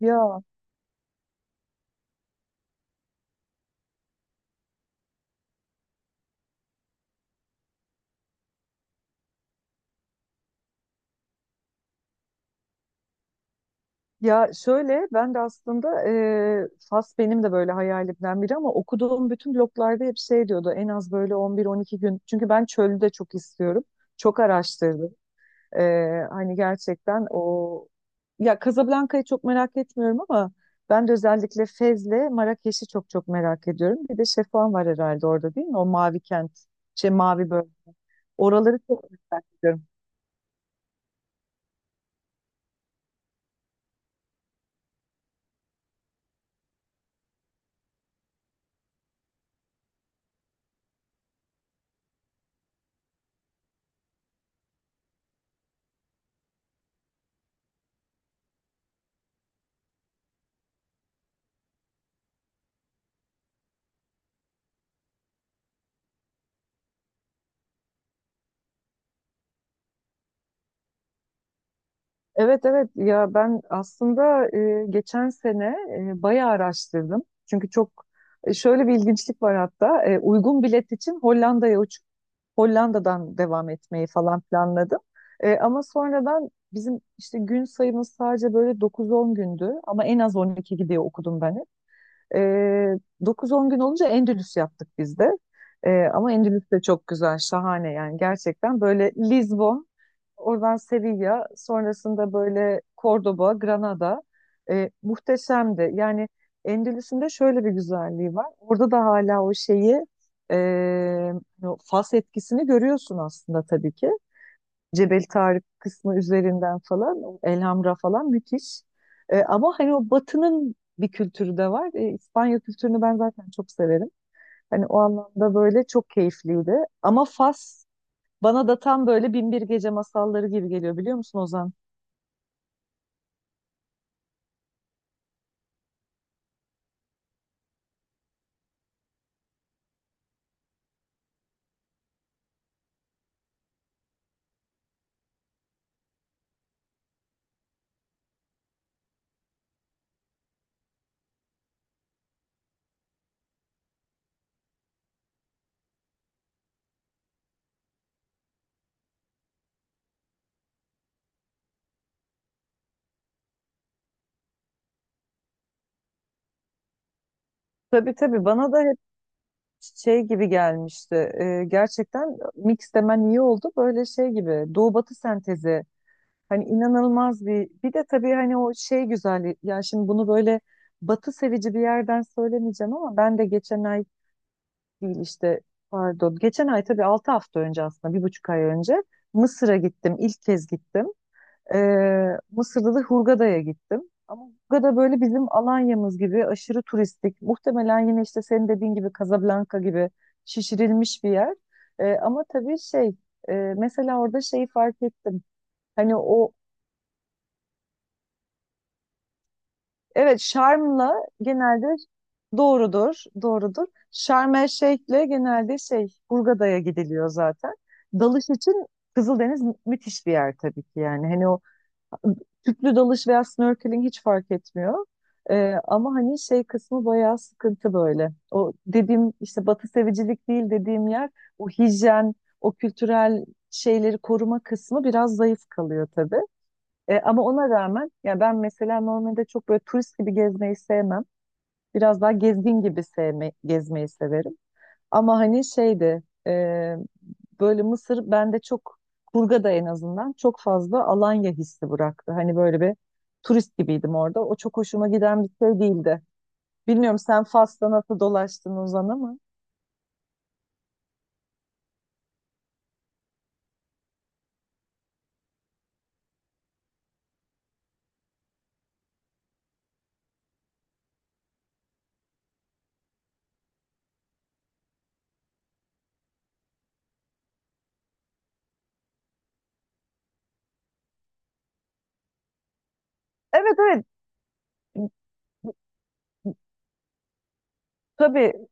Ya ya, şöyle ben de aslında, Fas benim de böyle hayalimden biri ama okuduğum bütün bloglarda hep şey diyordu en az böyle 11-12 gün çünkü ben çölü de çok istiyorum, çok araştırdım. E, Hani gerçekten o, ya Casablanca'yı çok merak etmiyorum ama ben de özellikle Fez'le Marrakeş'i çok çok merak ediyorum. Bir de Şefan var herhalde orada, değil mi? O mavi kent, şey, mavi bölge. Oraları çok merak ediyorum. Evet evet, ya ben aslında, geçen sene bayağı araştırdım. Çünkü çok, şöyle bir ilginçlik var, hatta uygun bilet için Hollanda'ya uçup Hollanda'dan devam etmeyi falan planladım. Ama sonradan bizim işte gün sayımız sadece böyle 9-10 gündü ama en az 12 gidiyor okudum ben hep. E, 9-10 gün olunca Endülüs yaptık biz de. Ama Endülüs de çok güzel, şahane yani, gerçekten böyle Lizbon, oradan Sevilla, sonrasında böyle Cordoba, Granada. Muhteşemdi yani. Endülüs'ün de şöyle bir güzelliği var. Orada da hala o şeyi, e, hani o fas etkisini görüyorsun aslında tabii ki. Cebel Tarık kısmı üzerinden falan, o Elhamra falan müthiş. Ama hani o batının bir kültürü de var. İspanya kültürünü ben zaten çok severim. Hani o anlamda böyle çok keyifliydi. Ama Fas bana da tam böyle Bin Bir Gece masalları gibi geliyor, biliyor musun Ozan? Tabii tabii, bana da hep şey gibi gelmişti. Gerçekten mix demen iyi oldu. Böyle şey gibi, Doğu Batı sentezi. Hani inanılmaz bir de tabii hani o şey güzelliği. Ya şimdi bunu böyle Batı sevici bir yerden söylemeyeceğim ama ben de geçen ay değil, işte pardon. Geçen ay, tabii 6 hafta önce, aslında 1,5 ay önce Mısır'a gittim. İlk kez gittim. Mısır'da da Hurgada'ya gittim. Ama Hurgada böyle bizim Alanya'mız gibi aşırı turistik. Muhtemelen yine işte senin dediğin gibi Casablanca gibi şişirilmiş bir yer. Ama tabii şey, mesela orada şeyi fark ettim. Hani o, evet, Şarm'la genelde, doğrudur, doğrudur. Şarm El Şeyh'le genelde şey Hurgada'ya gidiliyor zaten. Dalış için Kızıldeniz müthiş bir yer tabii ki yani. Hani o tüplü dalış veya snorkeling hiç fark etmiyor. Ama hani şey kısmı bayağı sıkıntı böyle. O dediğim işte batı sevicilik değil dediğim yer, o hijyen, o kültürel şeyleri koruma kısmı biraz zayıf kalıyor tabii. Ama ona rağmen ya ben mesela normalde çok böyle turist gibi gezmeyi sevmem. Biraz daha gezgin gibi sevme, gezmeyi severim. Ama hani şeydi, böyle Mısır bende çok, Kurga'da en azından çok fazla Alanya hissi bıraktı. Hani böyle bir turist gibiydim orada. O çok hoşuma giden bir şey değildi. Bilmiyorum sen Fas'ta nasıl dolaştın Ozan, ama. Evet evet, tabii.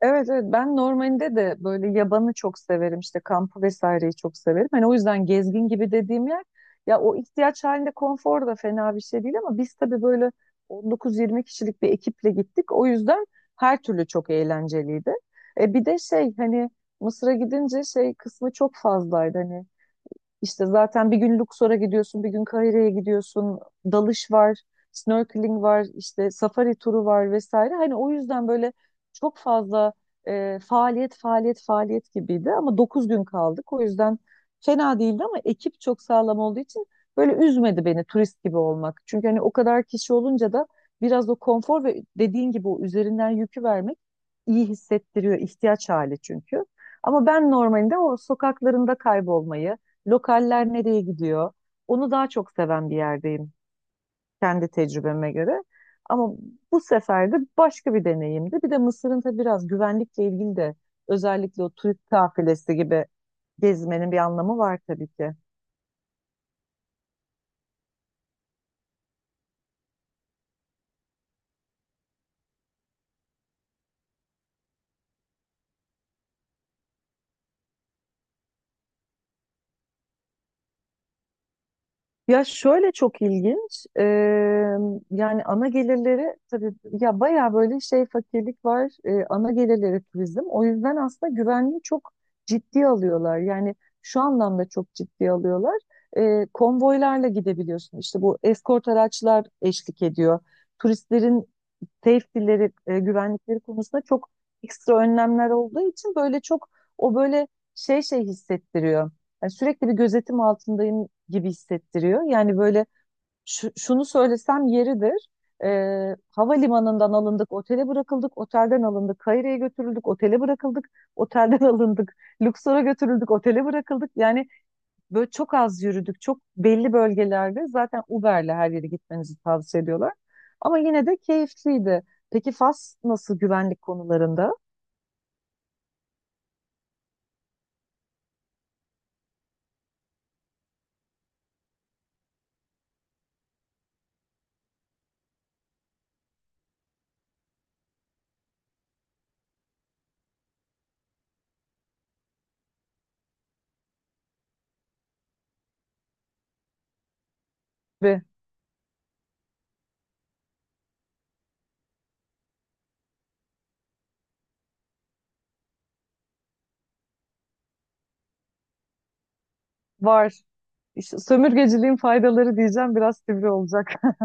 Evet evet, ben normalinde de böyle yabanı çok severim, işte kampı vesaireyi çok severim. Hani o yüzden gezgin gibi dediğim yer, ya o ihtiyaç halinde konfor da fena bir şey değil ama biz tabii böyle 19-20 kişilik bir ekiple gittik. O yüzden her türlü çok eğlenceliydi. E bir de şey, hani Mısır'a gidince şey kısmı çok fazlaydı, hani işte zaten bir gün Luxor'a gidiyorsun, bir gün Kahire'ye gidiyorsun. Dalış var, snorkeling var, işte safari turu var vesaire. Hani o yüzden böyle çok fazla, faaliyet, faaliyet, faaliyet gibiydi. Ama 9 gün kaldık. O yüzden fena değildi ama ekip çok sağlam olduğu için böyle üzmedi beni turist gibi olmak. Çünkü hani o kadar kişi olunca da biraz o konfor ve dediğin gibi o üzerinden yükü vermek iyi hissettiriyor, ihtiyaç hali çünkü. Ama ben normalinde o sokaklarında kaybolmayı, lokaller nereye gidiyor, onu daha çok seven bir yerdeyim, kendi tecrübeme göre. Ama bu sefer de başka bir deneyimdi. Bir de Mısır'ın tabii biraz güvenlikle ilgili de, özellikle o turist kafilesi gibi gezmenin bir anlamı var tabii ki. Ya şöyle, çok ilginç. Yani ana gelirleri tabii, ya bayağı böyle şey fakirlik var. Ana gelirleri turizm. O yüzden aslında güvenliği çok ciddiye alıyorlar. Yani şu anlamda çok ciddiye alıyorlar. Konvoylarla gidebiliyorsun. İşte bu eskort araçlar eşlik ediyor. Turistlerin safety'leri, güvenlikleri konusunda çok ekstra önlemler olduğu için böyle çok, o böyle şey şey hissettiriyor. Yani sürekli bir gözetim altındayım gibi hissettiriyor. Yani böyle şunu söylesem yeridir. E, Havalimanından alındık, otele bırakıldık, otelden alındık, Kahire'ye götürüldük, otele bırakıldık, otelden alındık, Luxor'a götürüldük, otele bırakıldık. Yani böyle çok az yürüdük. Çok belli bölgelerde zaten Uber'le her yere gitmenizi tavsiye ediyorlar. Ama yine de keyifliydi. Peki Fas nasıl güvenlik konularında? Ve var. İşte sömürgeciliğin faydaları diyeceğim, biraz sivri olacak.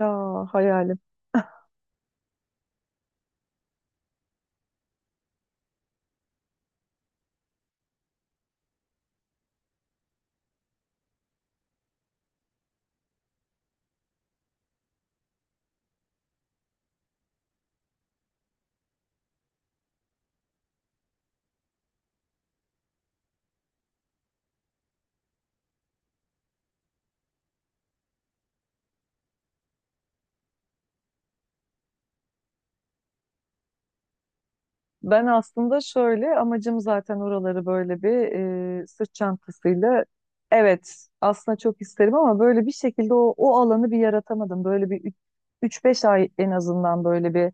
Ya hayalim. Ben aslında şöyle, amacım zaten oraları böyle bir, sırt çantasıyla, evet aslında çok isterim ama böyle bir şekilde o alanı bir yaratamadım. Böyle bir üç beş ay en azından, böyle bir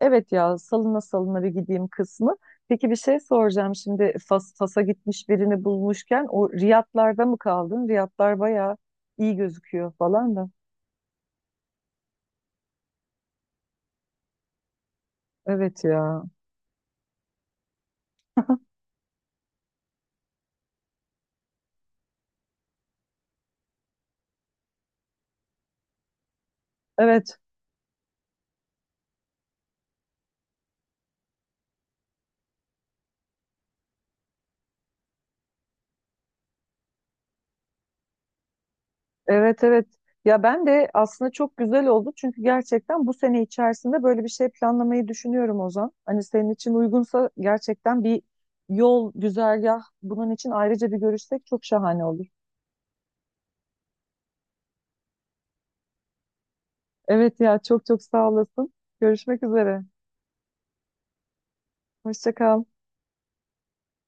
evet ya salına salına bir gideyim kısmı. Peki bir şey soracağım şimdi, Fas'a gitmiş birini bulmuşken, o Riyadlar'da mı kaldın? Riyadlar bayağı iyi gözüküyor falan da. Evet ya. Evet. Evet evet. Ya ben de aslında çok güzel oldu çünkü gerçekten bu sene içerisinde böyle bir şey planlamayı düşünüyorum Ozan. Hani senin için uygunsa gerçekten bir yol, güzergah bunun için ayrıca bir görüşsek çok şahane olur. Evet ya, çok çok sağ olasın. Görüşmek üzere. Hoşça kal.